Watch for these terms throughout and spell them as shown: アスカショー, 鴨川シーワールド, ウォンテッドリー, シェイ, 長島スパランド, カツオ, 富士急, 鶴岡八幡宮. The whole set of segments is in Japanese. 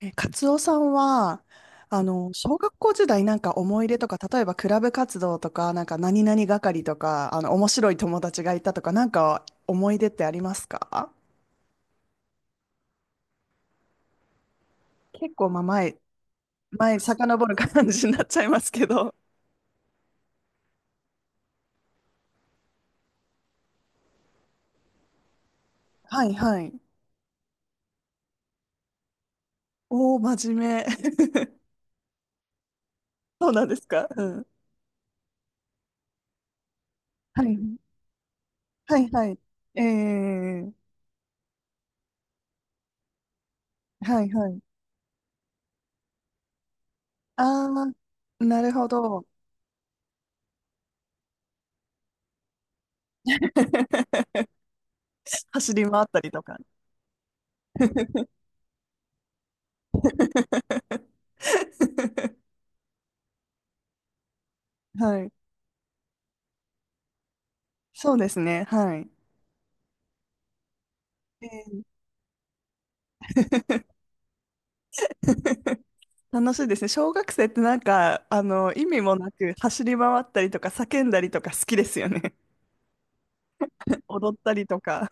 カツオさんは、小学校時代なんか思い出とか、例えばクラブ活動とか、なんか何々係とか、面白い友達がいたとか、なんか思い出ってありますか？結構、まあ、前、遡る感じになっちゃいますけど。はいはい。おー、真面目。そうなんですか？うん。はいはいはい。えー、はいはい。あー、なるほど。走り回ったりとか。はい。そうですね。はい。えー 楽しいですね。小学生ってなんか、意味もなく走り回ったりとか叫んだりとか好きですよね。踊ったりとか。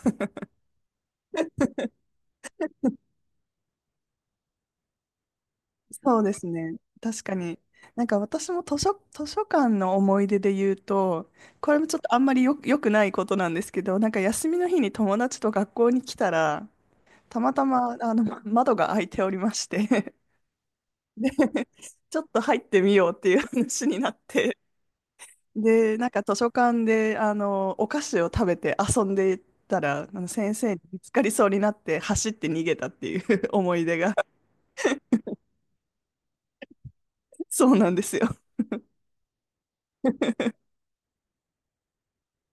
そうですね。確かに。なんか私も図書館の思い出で言うと、これもちょっとあんまり良くないことなんですけど、なんか休みの日に友達と学校に来たら、たまたま窓が開いておりまして、で、ちょっと入ってみようっていう話になって、で、なんか図書館で、お菓子を食べて遊んでいたら、あの先生に見つかりそうになって走って逃げたっていう 思い出が、そうなんですよ。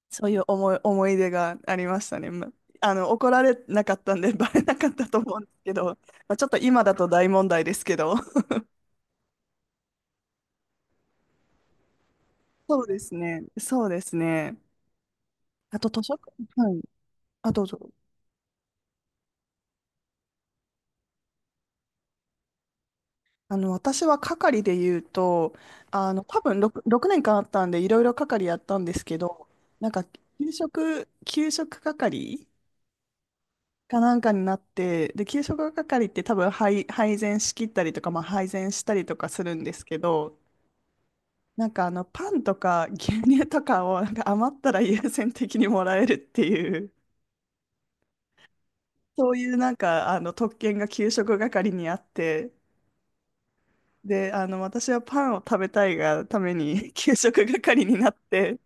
そういう思い出がありましたね。まあの、怒られなかったんで、バレなかったと思うんですけど、まあ、ちょっと今だと大問題ですけど。そうですね。そうですね。あと図書館、はい。あ、どうぞ。私は係で言うと、多分6年間あったんで、いろいろ係やったんですけど、なんか、給食係かなんかになって、で、給食係って多分配膳しきったりとか、まあ、配膳したりとかするんですけど、なんかパンとか牛乳とかをなんか余ったら優先的にもらえるっていう、そういうなんか、特権が給食係にあって、で、私はパンを食べたいがために 給食係になって、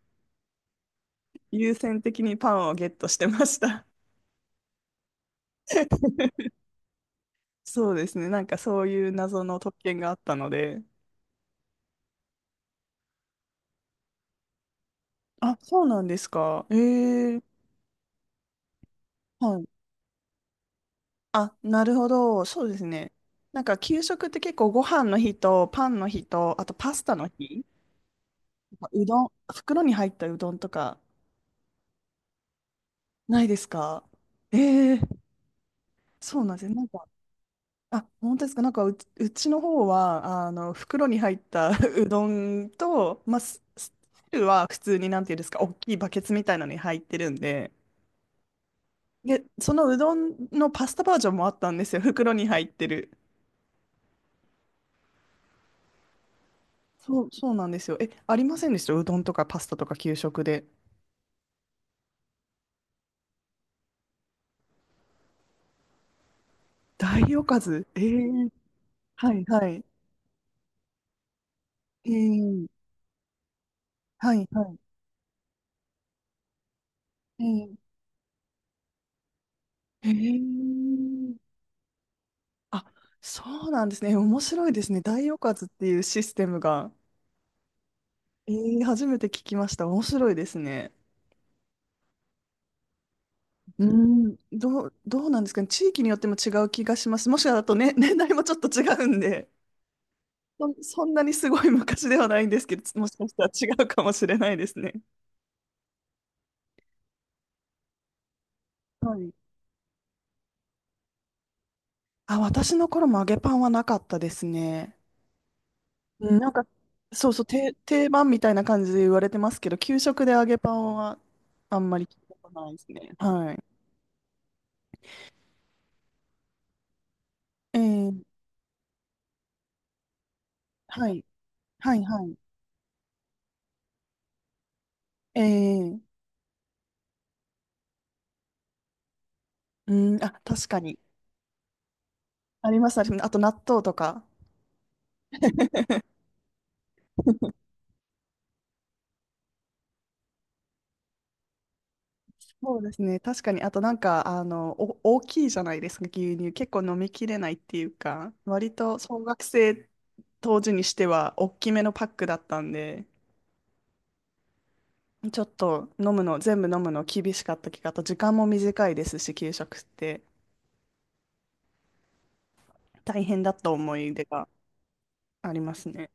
優先的にパンをゲットしてました。そうですね。なんかそういう謎の特権があったので。あ、そうなんですか？ええ、はい。あ、なるほど。そうですね。なんか給食って結構ご飯の日とパンの日と、あとパスタの日、うどん、袋に入ったうどんとかないですか？ええ、そうなんですね。なんかあ、本当ですか？なんかうちの方は、袋に入った うどんと、まあ、すす汁は普通に、なんていうんですか、大きいバケツみたいなのに入ってるんで、で、そのうどんのパスタバージョンもあったんですよ。袋に入ってる。そう、そうなんですよ。え、ありませんでした？うどんとかパスタとか給食で。大おかず。えー、はい、はい。えー、はい、はい。えーえーあ、そうなんですね。面白いですね。大おかずっていうシステムが。初めて聞きました。面白いですね。うん、どうなんですかね。地域によっても違う気がします。もしかだとね、年代もちょっと違うんで、そんなにすごい昔ではないんですけど、もしかしたら違うかもしれないですね。はい。あ、私の頃も揚げパンはなかったですね。うん、なんか、そうそう、定番みたいな感じで言われてますけど、給食で揚げパンはあんまり聞いたことないですね。はい。えー、はい。はい、はい。えー、うん、あ、確かに。あります、あります。あと納豆とか。そうですね。確かに。あとなんか、大きいじゃないですか、牛乳。結構飲みきれないっていうか、割と小学生当時にしては大きめのパックだったんで、ちょっと飲むの、全部飲むの厳しかった気が、あと時間も短いですし、給食って大変だった思い出がありますね。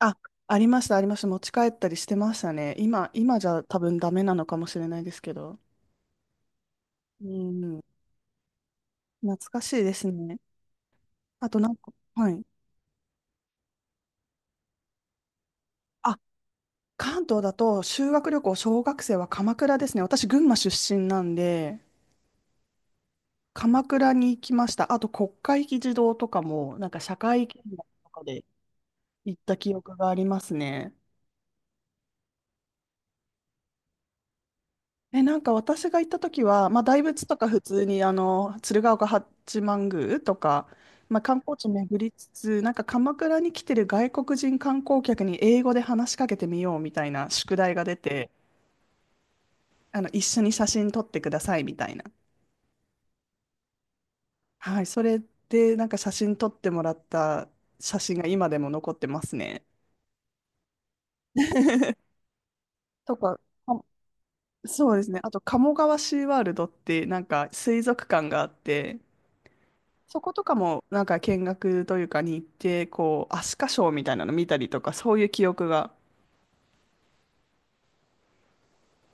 あ、ありました、ありました。持ち帰ったりしてましたね。今じゃ多分ダメなのかもしれないですけど。うん、懐かしいですね。あとなんか、はい。あ、関東だと修学旅行、小学生は鎌倉ですね。私、群馬出身なんで、鎌倉に行きました。あと、国会議事堂とかも、なんか社会見学とかで行った記憶がありますね。え、なんか私が行った時は、まあ、大仏とか普通に、鶴岡八幡宮とか、まあ、観光地巡りつつ、なんか鎌倉に来てる外国人観光客に英語で話しかけてみようみたいな宿題が出て、一緒に写真撮ってくださいみたいな。はい、それでなんか写真撮ってもらった写真が今でも残ってますね。とか、あそうですね。あと、鴨川シーワールドってなんか水族館があって、そことかもなんか見学というかに行って、こう、アスカショーみたいなの見たりとか、そういう記憶が、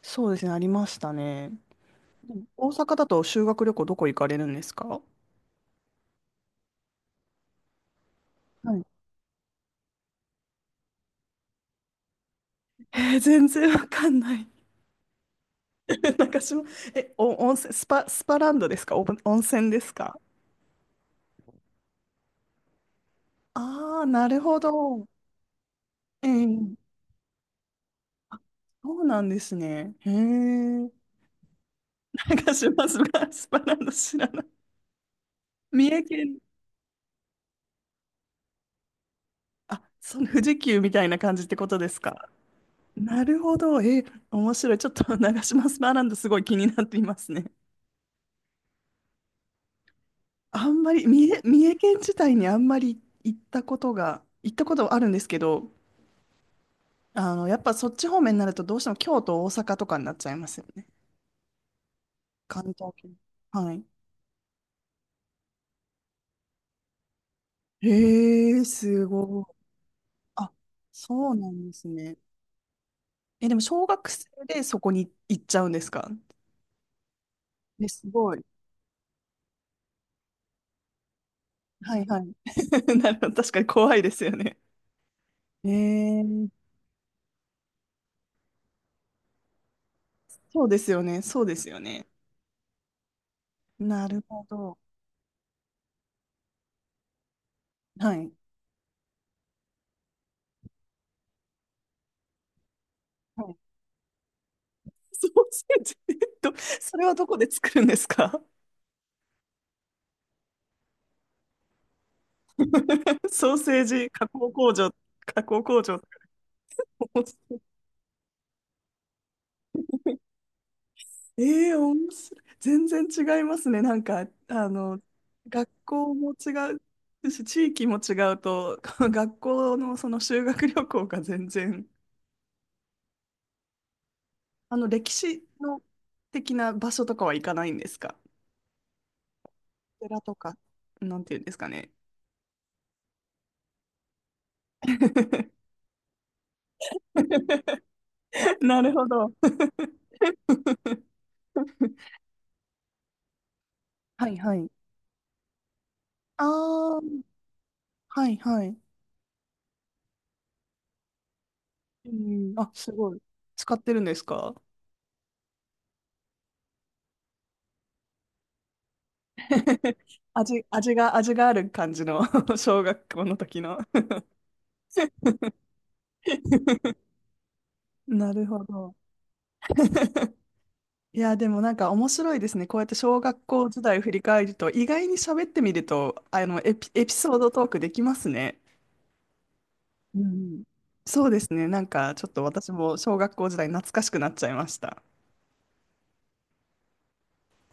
そうですね、ありましたね。でも大阪だと修学旅行どこ行かれるんですか？はい。えー全然わかんない。なんかしも、え、お、温泉、スパランドですか？お、温泉ですか？ああ、なるほど。ええ、そうなんですね。へえ。長島スパランド知らない。三重県、あ、その富士急みたいな感じってことですか？なるほど。え面白い。ちょっと 長島スパランドすごい気になっていますね。あんまり、三重県自体にあんまり行ったことはあるんですけど、やっぱそっち方面になるとどうしても京都、大阪とかになっちゃいますよね。関東圏。はい。へえ、すごい。あ、そうなんですね。え、でも小学生でそこに行っちゃうんですか？え、すごい。はいはい。なるほど。確かに怖いですよね。えー、そうですよね。そうですよね。なるほど。はい。はい。ソーセージ、それはどこで作るんですか？ ソーセージ加工工場、加工工場。ええ面白い。全然違いますね。なんか、学校も違うし、地域も違うと、学校のその修学旅行が全然、歴史の的な場所とかは行かないんですか？寺とか、なんていうんですかね？なるほど。はいはい。ああ、はいはい。うん、あ、すごい。使ってるんですか？ 味がある感じの 小学校の時の なるほど。いや、でもなんか面白いですね。こうやって小学校時代を振り返ると、意外に喋ってみると、エピソードトークできますね。うん。そうですね。なんかちょっと私も小学校時代懐かしくなっちゃいました。